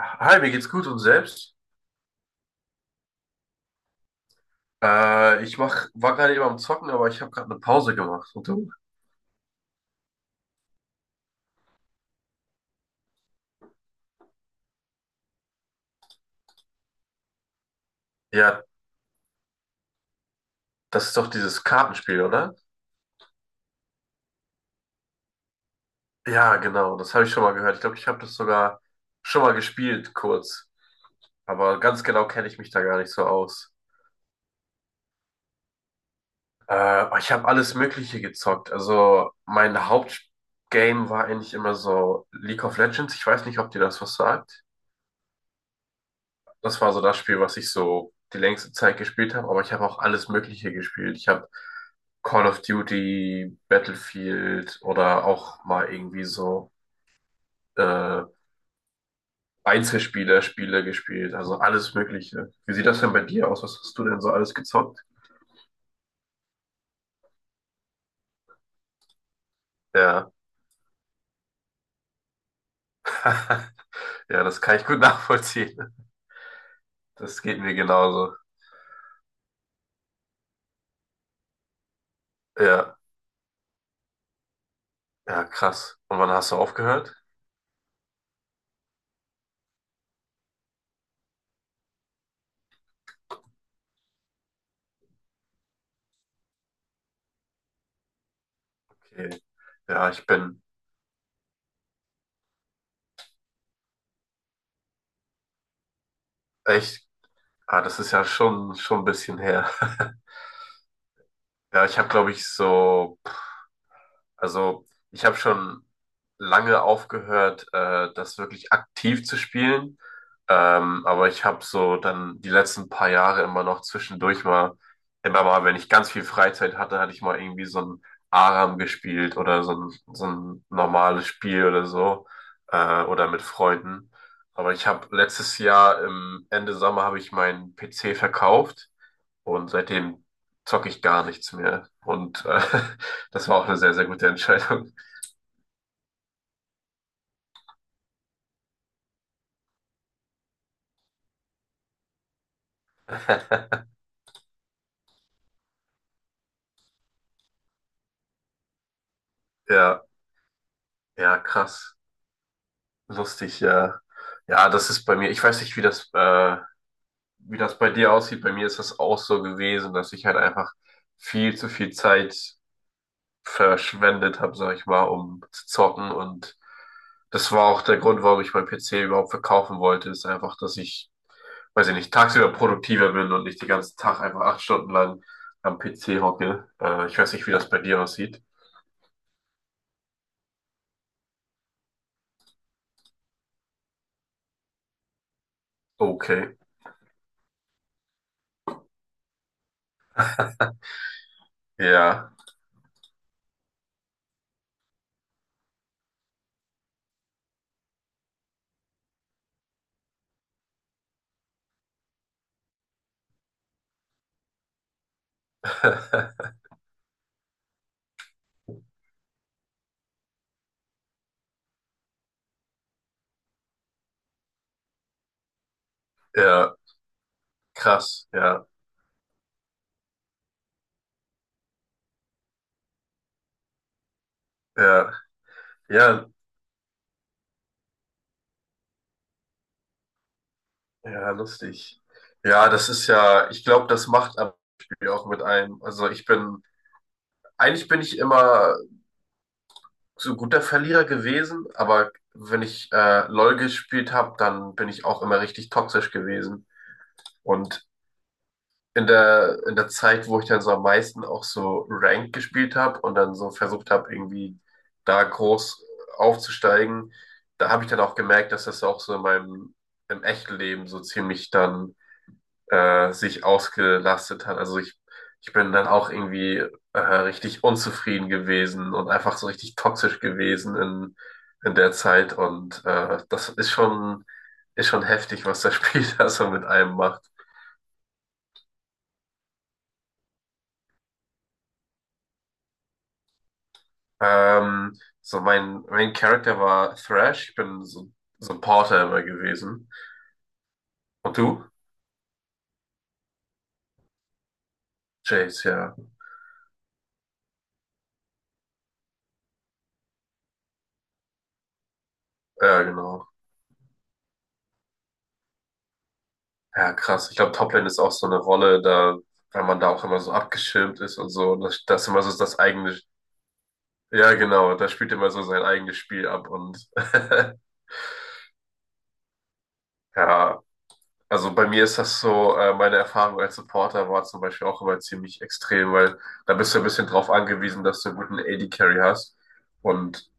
Hi, mir geht's gut und selbst? War gerade eben am Zocken, aber ich habe gerade eine Pause gemacht. Und du? Ja, das ist doch dieses Kartenspiel, oder? Ja, genau, das habe ich schon mal gehört. Ich glaube, ich habe das sogar schon mal gespielt, kurz. Aber ganz genau kenne ich mich da gar nicht so aus. Ich habe alles Mögliche gezockt. Also mein Hauptgame war eigentlich immer so League of Legends. Ich weiß nicht, ob dir das was sagt. Das war so das Spiel, was ich so die längste Zeit gespielt habe, aber ich habe auch alles Mögliche gespielt. Ich habe Call of Duty, Battlefield oder auch mal irgendwie so äh, Einzelspieler-Spiele gespielt, also alles Mögliche. Wie sieht das denn bei dir aus? Was hast du denn so alles gezockt? Ja, ja, das kann ich gut nachvollziehen. Das geht mir genauso. Ja, ja, krass. Und wann hast du aufgehört? Okay. Ja, ich bin echt, ah, das ist ja schon, schon ein bisschen her. Ja, ich habe, glaube ich, so, also ich habe schon lange aufgehört, das wirklich aktiv zu spielen. Aber ich habe so dann die letzten paar Jahre immer noch zwischendurch mal, immer mal, wenn ich ganz viel Freizeit hatte, hatte ich mal irgendwie so ein Aram gespielt oder so ein normales Spiel oder so, oder mit Freunden. Aber ich habe letztes Jahr im Ende Sommer habe ich meinen PC verkauft und seitdem zocke ich gar nichts mehr. Und das war auch eine sehr, sehr gute Entscheidung. Ja, ja, krass. Lustig, ja. Ja, das ist bei mir, ich weiß nicht, wie das bei dir aussieht. Bei mir ist das auch so gewesen, dass ich halt einfach viel zu viel Zeit verschwendet habe, sag ich mal, um zu zocken. Und das war auch der Grund, warum ich meinen PC überhaupt verkaufen wollte, ist einfach, dass ich, weiß ich nicht, tagsüber produktiver bin und nicht den ganzen Tag einfach 8 Stunden lang am PC hocke. Ich weiß nicht, wie das bei dir aussieht. Okay. Ja. Ja, krass. Ja, ja, ja, ja, lustig. Ja, das ist ja, ich glaube, das macht am Spiel auch mit einem. Also ich bin, eigentlich bin ich immer so guter Verlierer gewesen, aber wenn ich LOL gespielt habe, dann bin ich auch immer richtig toxisch gewesen. Und in der Zeit, wo ich dann so am meisten auch so Ranked gespielt habe und dann so versucht habe, irgendwie da groß aufzusteigen, da habe ich dann auch gemerkt, dass das auch so in meinem im echten Leben so ziemlich dann sich ausgelastet hat. Also ich bin dann auch irgendwie richtig unzufrieden gewesen und einfach so richtig toxisch gewesen in der Zeit. Und das ist schon heftig, was das Spiel da so mit einem macht. So mein Character war Thrash. Ich bin so, so ein Porter immer gewesen. Und du? Jace, ja. Ja, genau. Ja, krass. Ich glaube, Toplane ist auch so eine Rolle, da, weil man da auch immer so abgeschirmt ist und so. Und das, das ist immer so das eigene. Ja, genau. Da spielt immer so sein eigenes Spiel ab und ja, also bei mir ist das so, meine Erfahrung als Supporter war zum Beispiel auch immer ziemlich extrem, weil da bist du ein bisschen drauf angewiesen, dass du einen guten AD-Carry hast. Und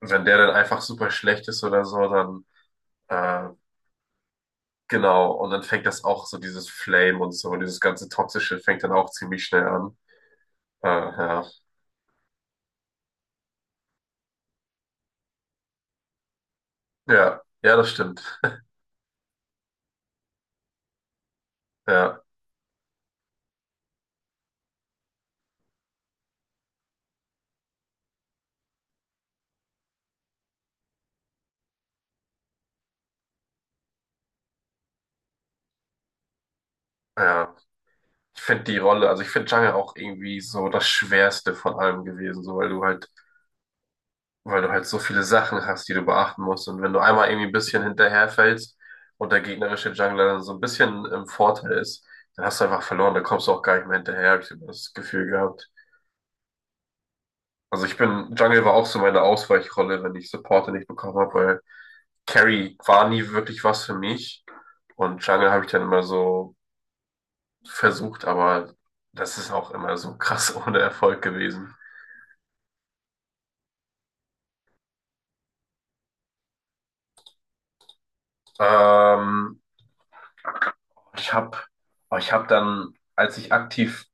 wenn der dann einfach super schlecht ist oder so, dann äh, genau, und dann fängt das auch so dieses Flame und so, dieses ganze Toxische fängt dann auch ziemlich schnell an. Ja. Ja, ja, das stimmt. Ja, ja. Ich finde die Rolle, also ich finde Jungle auch irgendwie so das Schwerste von allem gewesen, so weil du halt so viele Sachen hast, die du beachten musst. Und wenn du einmal irgendwie ein bisschen hinterherfällst und der gegnerische Jungler dann so ein bisschen im Vorteil ist, dann hast du einfach verloren, dann kommst du auch gar nicht mehr hinterher, hab ich immer das Gefühl gehabt. Also ich bin, Jungle war auch so meine Ausweichrolle, wenn ich Supporte nicht bekommen habe, weil Carry war nie wirklich was für mich. Und Jungle habe ich dann immer so versucht, aber das ist auch immer so krass ohne Erfolg gewesen. Ähm, ich habe, ich habe dann, als ich aktiv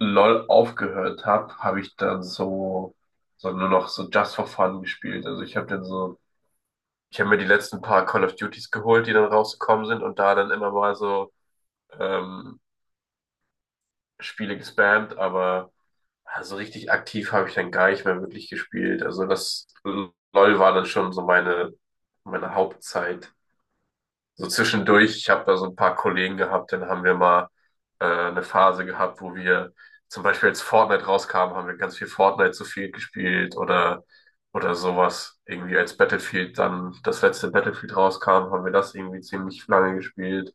LOL aufgehört habe, habe ich dann so, so nur noch so Just for Fun gespielt. Also ich habe dann so, ich habe mir die letzten paar Call of Duties geholt, die dann rausgekommen sind und da dann immer mal so ähm, Spiele gespammt, aber ja, so richtig aktiv habe ich dann gar nicht mehr wirklich gespielt. Also das LOL war dann schon so meine, meine Hauptzeit. So zwischendurch, ich habe da so ein paar Kollegen gehabt, dann haben wir mal eine Phase gehabt, wo wir zum Beispiel als Fortnite rauskam haben wir ganz viel Fortnite zu viel gespielt oder sowas. Irgendwie als Battlefield dann das letzte Battlefield rauskam, haben wir das irgendwie ziemlich lange gespielt.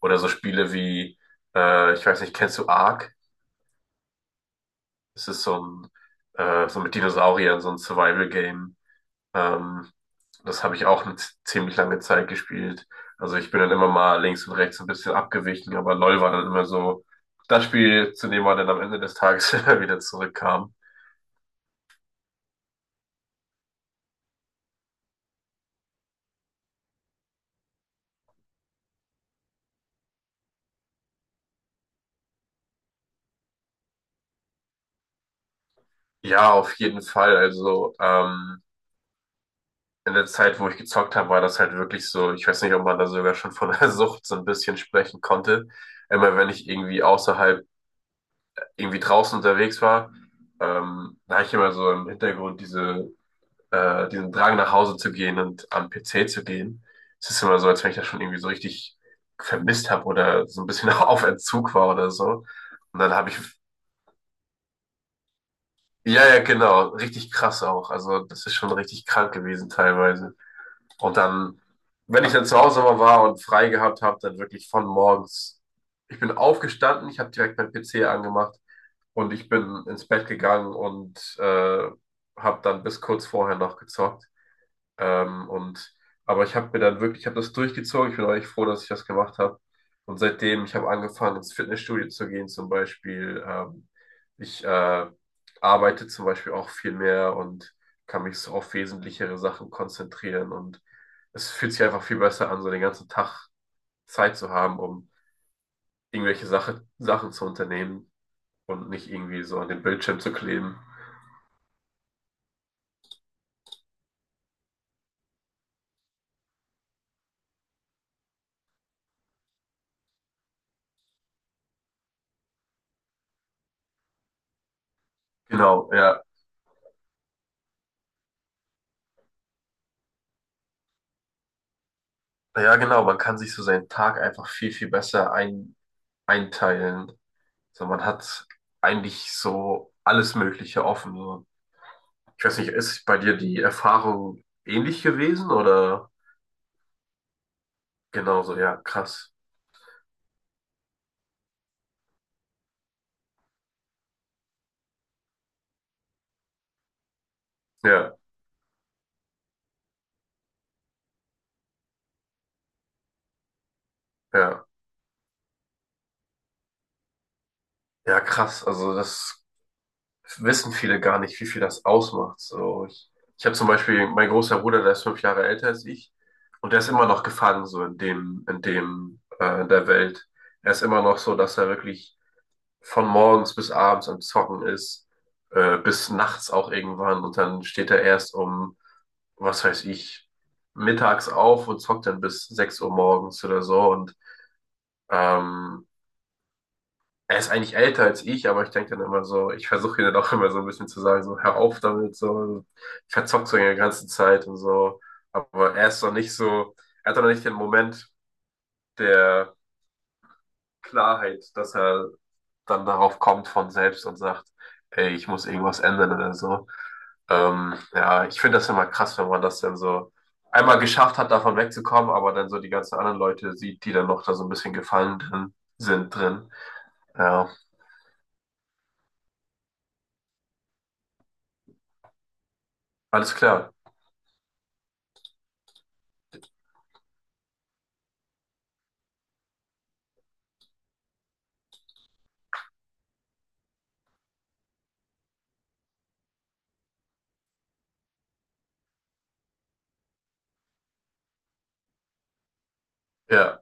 Oder so Spiele wie, ich weiß nicht, kennst du Ark? Es ist so ein, so mit Dinosauriern, so ein Survival-Game. Ähm, das habe ich auch eine ziemlich lange Zeit gespielt. Also ich bin dann immer mal links und rechts ein bisschen abgewichen, aber LOL war dann immer so das Spiel, zu dem man dann am Ende des Tages immer wieder zurückkam. Ja, auf jeden Fall. Also in der Zeit, wo ich gezockt habe, war das halt wirklich so, ich weiß nicht, ob man da sogar schon von der Sucht so ein bisschen sprechen konnte. Immer wenn ich irgendwie außerhalb, irgendwie draußen unterwegs war, da habe ich immer so im Hintergrund diese diesen Drang nach Hause zu gehen und am PC zu gehen. Es ist immer so, als wenn ich das schon irgendwie so richtig vermisst habe oder so ein bisschen auf Entzug war oder so. Und dann habe ich, ja, ja, genau, richtig krass auch. Also das ist schon richtig krank gewesen teilweise. Und dann, wenn ich dann zu Hause mal war und frei gehabt habe, dann wirklich von morgens. Ich bin aufgestanden, ich habe direkt meinen PC angemacht und ich bin ins Bett gegangen und habe dann bis kurz vorher noch gezockt. Ähm, und, aber ich habe mir dann wirklich, ich habe das durchgezogen. Ich bin eigentlich froh, dass ich das gemacht habe. Und seitdem, ich habe angefangen, ins Fitnessstudio zu gehen, zum Beispiel. Ich arbeite zum Beispiel auch viel mehr und kann mich so auf wesentlichere Sachen konzentrieren. Und es fühlt sich einfach viel besser an, so den ganzen Tag Zeit zu haben, um irgendwelche Sache, Sachen zu unternehmen und nicht irgendwie so an den Bildschirm zu kleben. Genau, ja. Ja, genau. Man kann sich so seinen Tag einfach viel, viel besser ein, einteilen. So, man hat eigentlich so alles Mögliche offen. So. Ich weiß nicht, ist bei dir die Erfahrung ähnlich gewesen oder genauso? Ja, krass. Ja, ja, ja, krass. Also das wissen viele gar nicht, wie viel das ausmacht. So, ich habe zum Beispiel mein großer Bruder, der ist 5 Jahre älter als ich und der ist immer noch gefangen so in dem, in der Welt. Er ist immer noch so, dass er wirklich von morgens bis abends am Zocken ist, bis nachts auch irgendwann und dann steht er erst um, was weiß ich, mittags auf und zockt dann bis 6 Uhr morgens oder so und ähm, er ist eigentlich älter als ich, aber ich denke dann immer so, ich versuche ihn dann auch immer so ein bisschen zu sagen, so hör auf damit, so ich verzock so in der ganzen Zeit und so, aber er ist noch nicht so, er hat doch noch nicht den Moment der Klarheit, dass er dann darauf kommt von selbst und sagt, ey, ich muss irgendwas ändern oder so. Ja, ich finde das immer krass, wenn man das dann so einmal geschafft hat, davon wegzukommen, aber dann so die ganzen anderen Leute sieht, die dann noch da so ein bisschen gefallen drin sind drin. Ja, alles klar. Ja,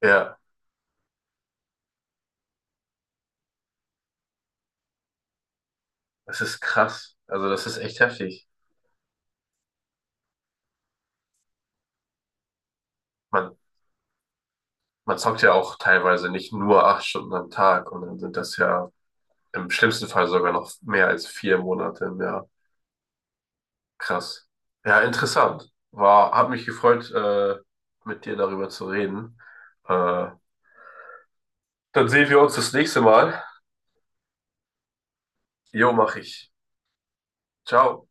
ja, das ist krass. Also das ist echt heftig. Man, man zockt ja auch teilweise nicht nur 8 Stunden am Tag und dann sind das ja im schlimmsten Fall sogar noch mehr als 4 Monate im Jahr. Krass. Ja, interessant. War, hat mich gefreut, mit dir darüber zu reden. Äh, Dann sehen wir uns das nächste Mal. Jo, mach ich. Ciao.